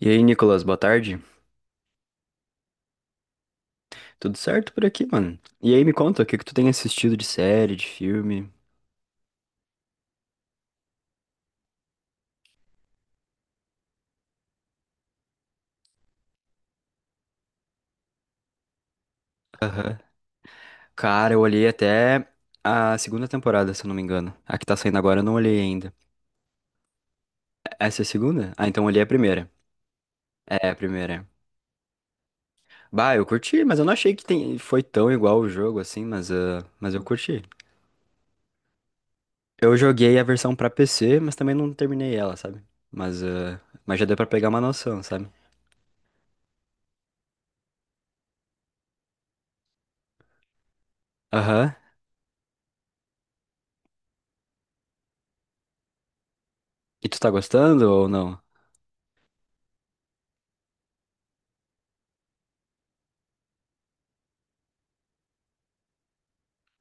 E aí, Nicolas, boa tarde. Tudo certo por aqui, mano? E aí, me conta, o que tu tem assistido de série, de filme? Aham. Cara, eu olhei até a segunda temporada, se eu não me engano. A que tá saindo agora eu não olhei ainda. Essa é a segunda? Ah, então eu olhei a primeira. É, a primeira. Bah, eu curti, mas eu não achei que tem foi tão igual o jogo assim, mas, mas eu curti. Eu joguei a versão pra PC, mas também não terminei ela, sabe? Mas, ah, mas já deu pra pegar uma noção, sabe? Aham. E tu tá gostando ou não?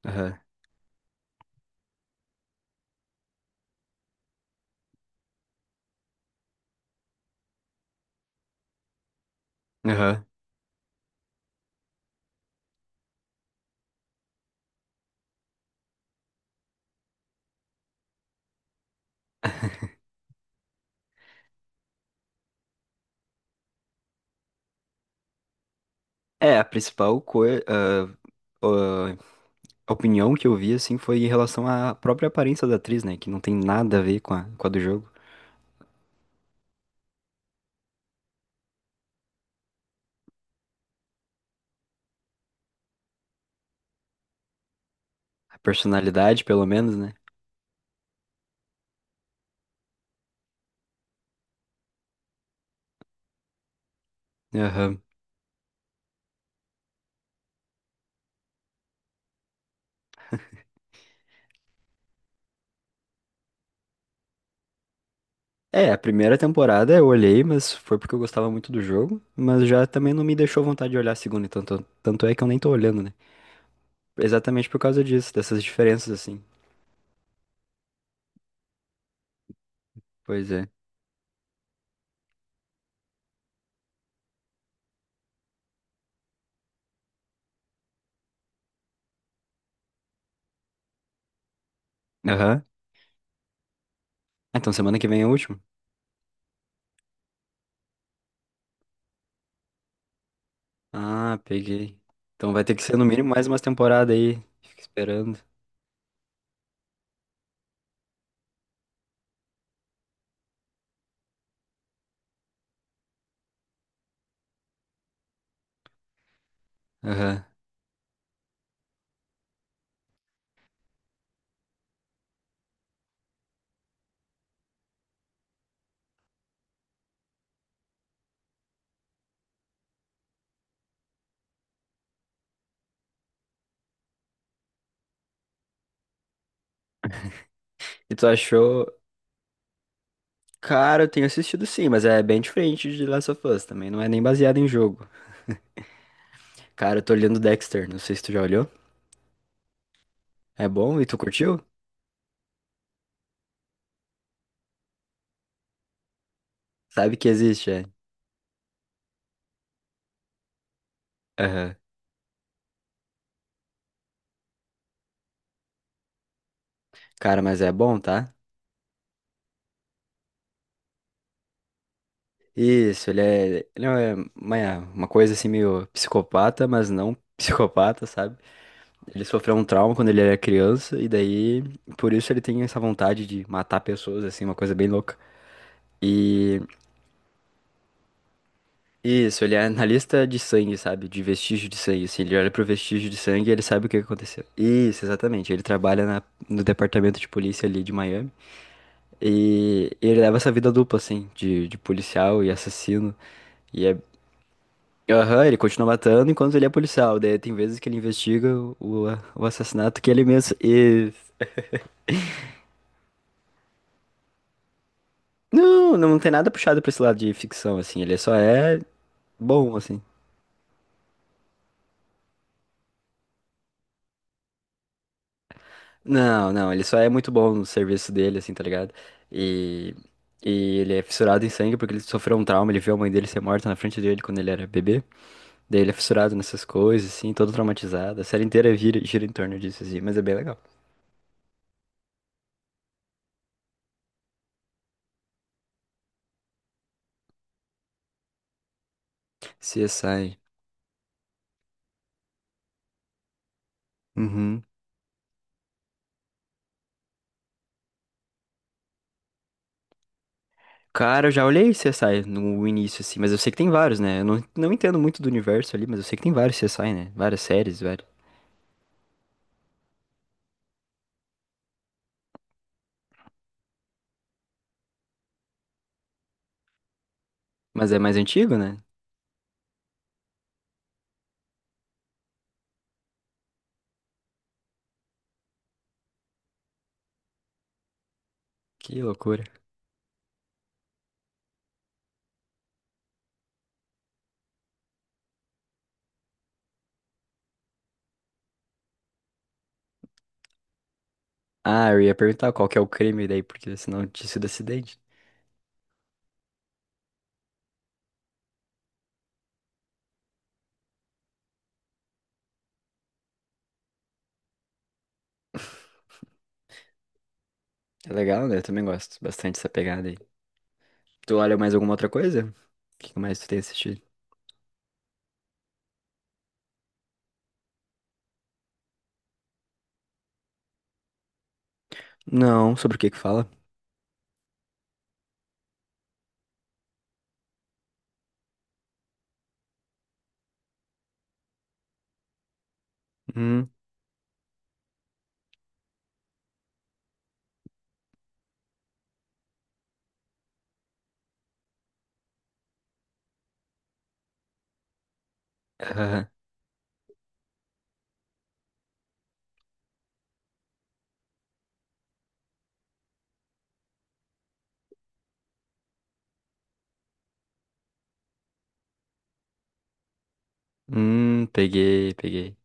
Aham. Aham. É, a principal coi- ah, ah, opinião que eu vi, assim, foi em relação à própria aparência da atriz, né? Que não tem nada a ver com com a do jogo. A personalidade, pelo menos, né? Aham. É, a primeira temporada eu olhei, mas foi porque eu gostava muito do jogo. Mas já também não me deixou vontade de olhar a segunda, então tanto é que eu nem tô olhando, né? Exatamente por causa disso, dessas diferenças, assim. Pois é. Aham. Ah, então semana que vem é o último? Ah, peguei. Então vai ter que ser no mínimo mais umas temporadas aí. Fico esperando. Aham. E tu achou? Cara, eu tenho assistido sim, mas é bem diferente de Last of Us também. Não é nem baseado em jogo. Cara, eu tô olhando Dexter, não sei se tu já olhou. É bom e tu curtiu? Sabe que existe, é? Aham. Cara, mas é bom, tá? Isso, ele é é uma coisa assim meio psicopata, mas não psicopata, sabe? Ele sofreu um trauma quando ele era criança e daí por isso ele tem essa vontade de matar pessoas, assim, uma coisa bem louca. E isso, ele é analista de sangue, sabe? De vestígio de sangue, assim. Ele olha pro vestígio de sangue e ele sabe o que aconteceu. Isso, exatamente. No departamento de polícia ali de Miami. E ele leva essa vida dupla, assim, de policial e assassino. E é. Aham, ele continua matando enquanto ele é policial. Daí tem vezes que ele investiga o, o assassinato que ele mesmo. E. Não, não tem nada puxado pra esse lado de ficção, assim. Ele só é bom, assim. Não, não, Ele só é muito bom no serviço dele, assim, tá ligado? E, e ele é fissurado em sangue porque ele sofreu um trauma, ele viu a mãe dele ser morta na frente dele quando ele era bebê. Daí ele é fissurado nessas coisas, assim, todo traumatizado. A série inteira gira em torno disso, assim, mas é bem legal. CSI. Uhum. Cara, eu já olhei CSI no início, assim, mas eu sei que tem vários, né? Eu não, Não entendo muito do universo ali, mas eu sei que tem vários CSI, né? Várias séries, vários. Mas é mais antigo, né? Que loucura. Ah, eu ia perguntar qual que é o crime daí, porque senão tinha sido acidente. É legal, né? Eu também gosto bastante dessa pegada aí. Tu olha mais alguma outra coisa? O que que mais tu tem assistido? Não, sobre o que que fala? Hum, aham. Peguei, peguei.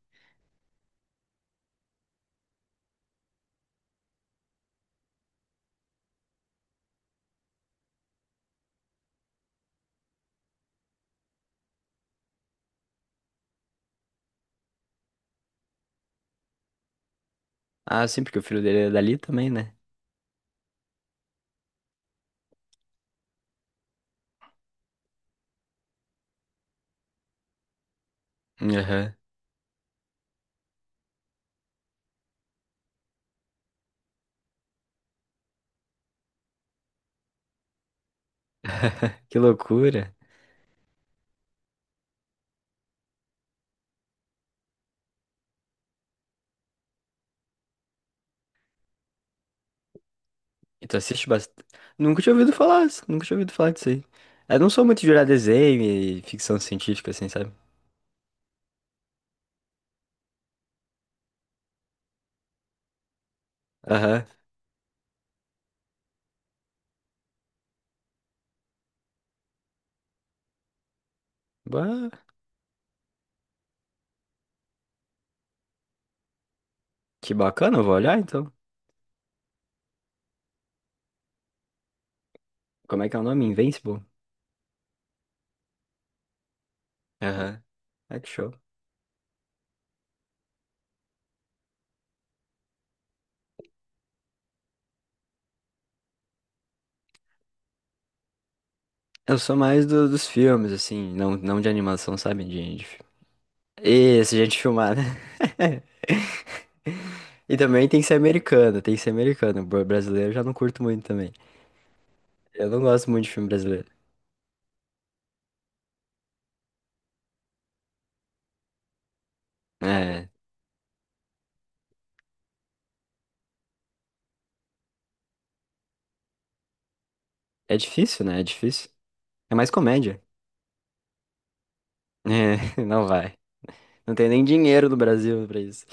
Ah, sim, porque o filho dele é dali também, né? Aham. Que loucura. E tu assiste bastante. Nunca tinha ouvido falar, s- Nunca tinha ouvido falar disso aí. Eu não sou muito de olhar desenho e ficção científica, assim, sabe? Aham. Bah, que bacana, eu vou olhar então. Como é que é o nome? Invincible? Aham. Ah, que show. Eu sou mais dos filmes, assim, não de animação, sabe? De fi- E gente filmar, né? E também tem que ser americano, tem que ser americano. Br- Brasileiro eu já não curto muito também. Eu não gosto muito de filme brasileiro. É, é difícil, né? É difícil. É mais comédia. É, não vai. Não tem nem dinheiro no Brasil pra isso.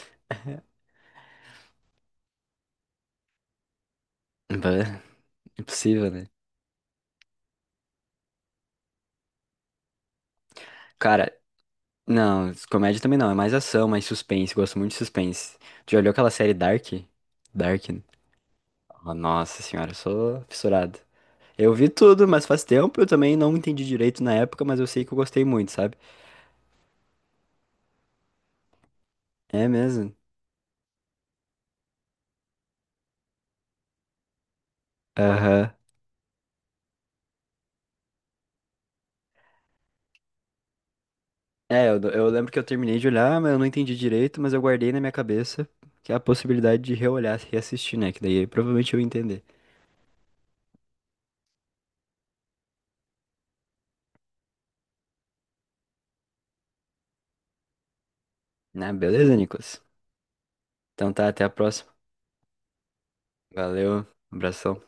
Bah, impossível, né? Cara, não, comédia também não. É mais ação, mais suspense. Gosto muito de suspense. Já olhou aquela série Dark? Dark? Oh, nossa senhora, eu sou fissurado. Eu vi tudo, mas faz tempo, eu também não entendi direito na época, mas eu sei que eu gostei muito, sabe? É mesmo? Aham. É, eu lembro que eu terminei de olhar, mas eu não entendi direito, mas eu guardei na minha cabeça que é a possibilidade de reolhar, reassistir, né? Que daí provavelmente eu ia entender. Né? Beleza, Nicolas? Então tá, até a próxima. Valeu, abração.